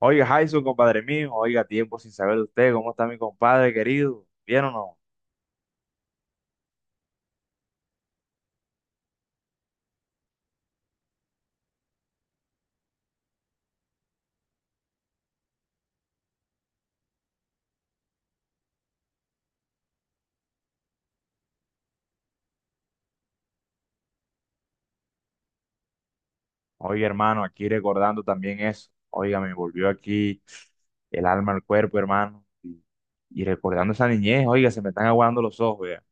Oiga, Jason, compadre mío, oiga, tiempo sin saber de usted. ¿Cómo está mi compadre querido? ¿Bien o no? Oiga, hermano, aquí recordando también eso. Oiga, me volvió aquí el alma al cuerpo, hermano. Y recordando esa niñez, oiga, se me están aguando los ojos, vea.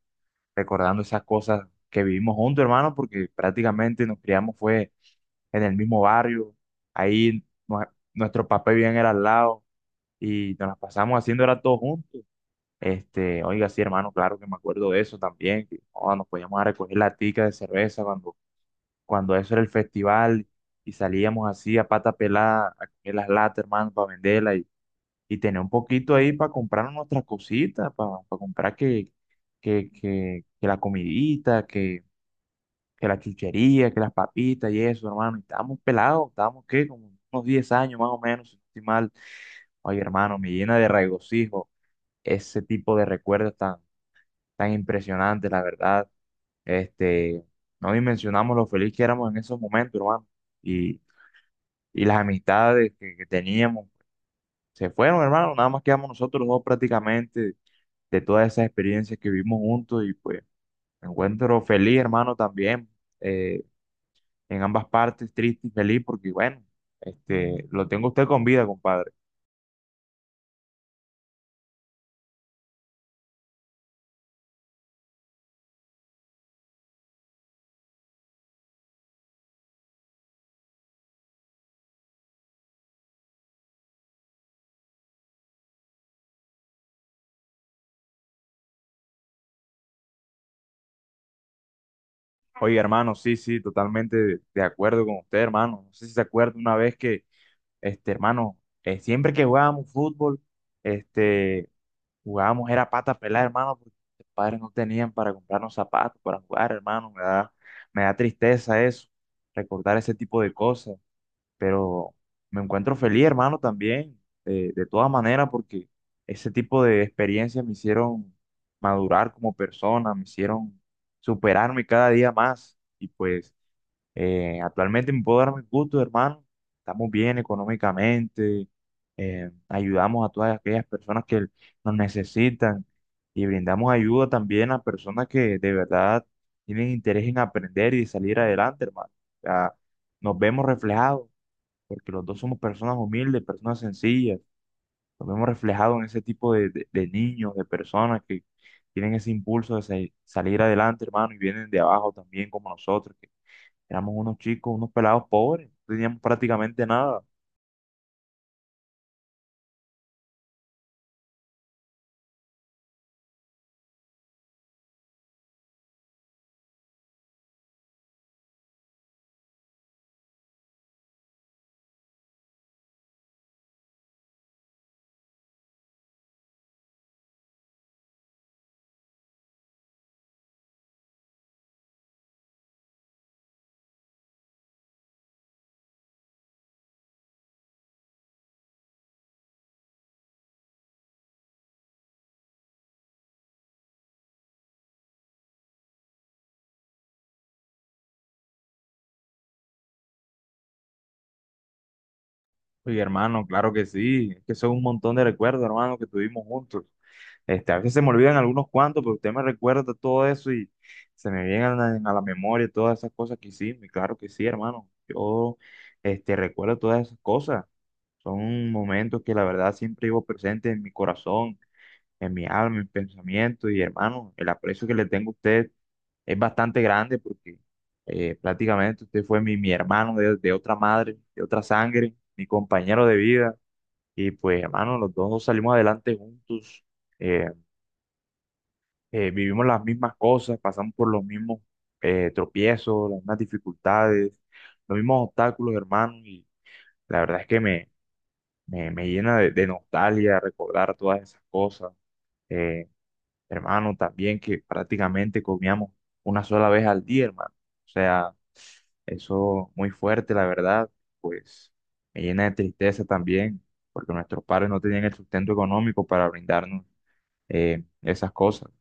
Recordando esas cosas que vivimos juntos, hermano, porque prácticamente nos criamos fue en el mismo barrio. Ahí nuestro papá bien era al lado y nos las pasamos haciendo era todo juntos. Oiga, sí, hermano, claro que me acuerdo de eso también, que joda, nos podíamos a recoger la tica de cerveza cuando eso era el festival y salíamos así a pata pelada a comer las latas, hermano, para venderlas y tener un poquito ahí para comprar nuestras cositas, para comprar que la comidita, que la chuchería, que las papitas y eso, hermano. Y estábamos pelados, estábamos, ¿qué? Como unos 10 años más o menos, si no estoy mal. Oye, hermano, me llena de regocijo ese tipo de recuerdos tan impresionante, la verdad. Este, no dimensionamos lo feliz que éramos en esos momentos, hermano. Y, y las amistades que teníamos se fueron, hermano. Nada más quedamos nosotros los dos prácticamente de todas esas experiencias que vivimos juntos. Y pues me encuentro feliz, hermano, también. eh, en ambas partes, triste y feliz, porque bueno, lo tengo a usted con vida, compadre. Oye, hermano, sí, sí, totalmente de acuerdo con usted, hermano. No sé si se acuerda una vez que hermano, siempre que jugábamos fútbol, este, jugábamos era pata pelada, hermano, porque mis padres no tenían para comprarnos zapatos para jugar, hermano. Me da tristeza eso, recordar ese tipo de cosas. Pero me encuentro feliz, hermano, también, de todas maneras, porque ese tipo de experiencias me hicieron madurar como persona, me hicieron superarme cada día más. Y pues actualmente me puedo dar mi gusto, hermano. Estamos bien económicamente, ayudamos a todas aquellas personas que nos necesitan y brindamos ayuda también a personas que de verdad tienen interés en aprender y salir adelante, hermano. O sea, nos vemos reflejados, porque los dos somos personas humildes, personas sencillas. Nos vemos reflejados en ese tipo de niños, de personas que tienen ese impulso salir adelante, hermano, y vienen de abajo también como nosotros. Éramos unos chicos, unos pelados pobres, no teníamos prácticamente nada. Oye, hermano, claro que sí, es que son un montón de recuerdos, hermano, que tuvimos juntos. Este, a veces se me olvidan algunos cuantos, pero usted me recuerda todo eso y se me vienen a la memoria todas esas cosas que hicimos. Y claro que sí, hermano, yo recuerdo todas esas cosas. Son momentos que la verdad siempre llevo presente en mi corazón, en mi alma, en mis pensamientos. Y hermano, el aprecio que le tengo a usted es bastante grande porque prácticamente usted fue mi hermano de otra madre, de otra sangre, mi compañero de vida. Y pues hermano, los dos salimos adelante juntos, eh, vivimos las mismas cosas, pasamos por los mismos tropiezos, las mismas dificultades, los mismos obstáculos, hermano. Y la verdad es que me llena de nostalgia recordar todas esas cosas. eh, Hermano, también que prácticamente comíamos una sola vez al día, hermano. O sea, eso muy fuerte, la verdad, pues me llena de tristeza también, porque nuestros padres no tenían el sustento económico para brindarnos esas cosas.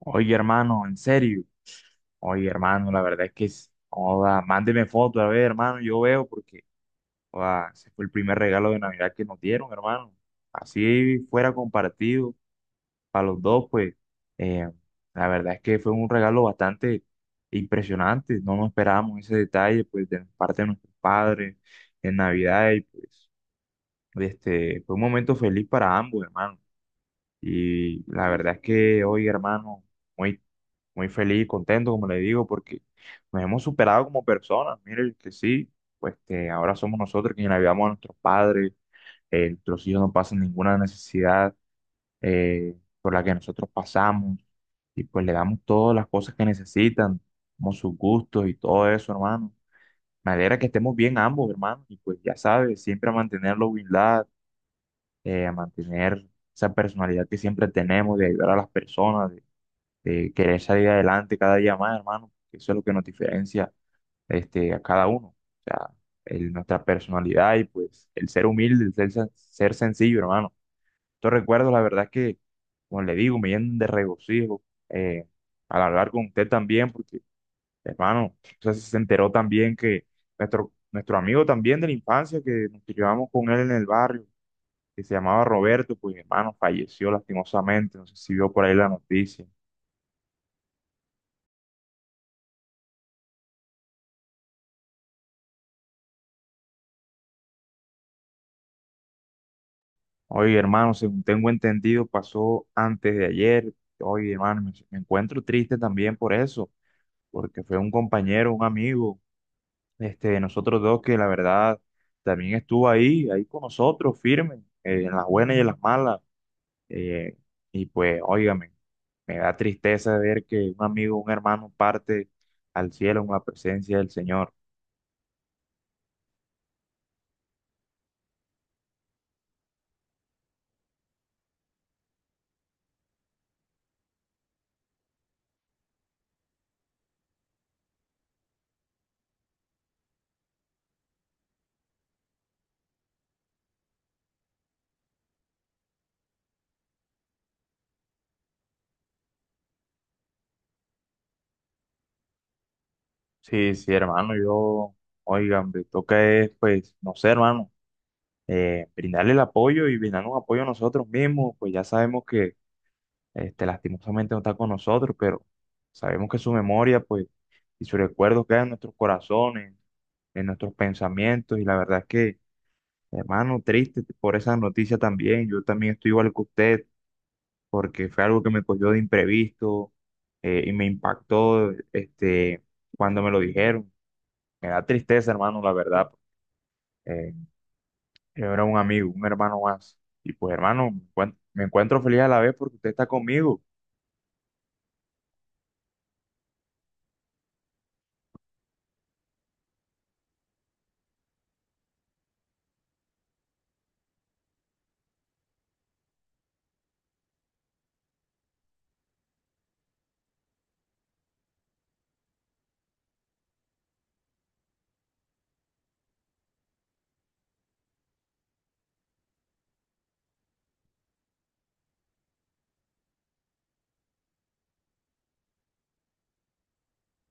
Oye, hermano, en serio, oye, hermano, la verdad es que, joda, mándeme foto, a ver, hermano, yo veo, porque joda, ese fue el primer regalo de Navidad que nos dieron, hermano. Así fuera compartido para los dos, pues eh, la verdad es que fue un regalo bastante impresionante. No nos esperábamos ese detalle, pues de parte de nuestros padres en Navidad. Y pues fue un momento feliz para ambos, hermano. Y la verdad es que hoy, hermano, muy, muy feliz y contento, como le digo, porque nos hemos superado como personas. Miren que sí, pues que ahora somos nosotros quienes ayudamos a nuestros padres, nuestros hijos no pasan ninguna necesidad eh, por la que nosotros pasamos, y pues le damos todas las cosas que necesitan, como sus gustos y todo eso, hermano. Me alegra que estemos bien ambos, hermano, y pues ya sabes, siempre a mantener la humildad, a mantener esa personalidad que siempre tenemos de ayudar a las personas, de querer salir adelante cada día más, hermano, que eso es lo que nos diferencia a cada uno. O sea, nuestra personalidad y pues el ser humilde, el ser, ser sencillo, hermano. Estos recuerdos, la verdad es que, como le digo, me llenan de regocijo eh, al hablar con usted también, porque hermano, o sea, se enteró también que nuestro amigo también de la infancia, que nos llevamos con él en el barrio, que se llamaba Roberto, pues, hermano, falleció lastimosamente, no sé si vio por ahí la noticia. Oye, hermano, según tengo entendido, pasó antes de ayer. Oye, hermano, me encuentro triste también por eso, porque fue un compañero, un amigo, nosotros dos, que la verdad también estuvo ahí, ahí con nosotros, firme, en las buenas y en las malas. eh, y pues, óigame, me da tristeza ver que un amigo, un hermano parte al cielo en la presencia del Señor. Sí, sí, hermano, yo, oigan, me toca es, pues, no sé, hermano, brindarle el apoyo y brindarnos apoyo a nosotros mismos, pues ya sabemos que lastimosamente no está con nosotros, pero sabemos que su memoria, pues, y sus recuerdos quedan en nuestros corazones, en nuestros pensamientos. Y la verdad es que, hermano, triste por esa noticia también. Yo también estoy igual que usted porque fue algo que me cogió de imprevisto, y me impactó cuando me lo dijeron. Me da tristeza, hermano, la verdad. Eh, yo era un amigo, un hermano más. Y pues, hermano, me me encuentro feliz a la vez porque usted está conmigo.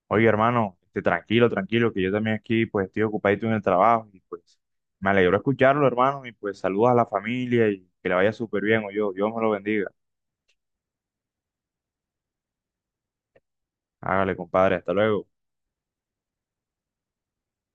Oye, hermano, tranquilo, tranquilo, que yo también aquí pues estoy ocupadito en el trabajo y pues me alegró escucharlo, hermano, y pues saludos a la familia y que le vaya súper bien, o yo, Dios me lo bendiga. Hágale, compadre, hasta luego.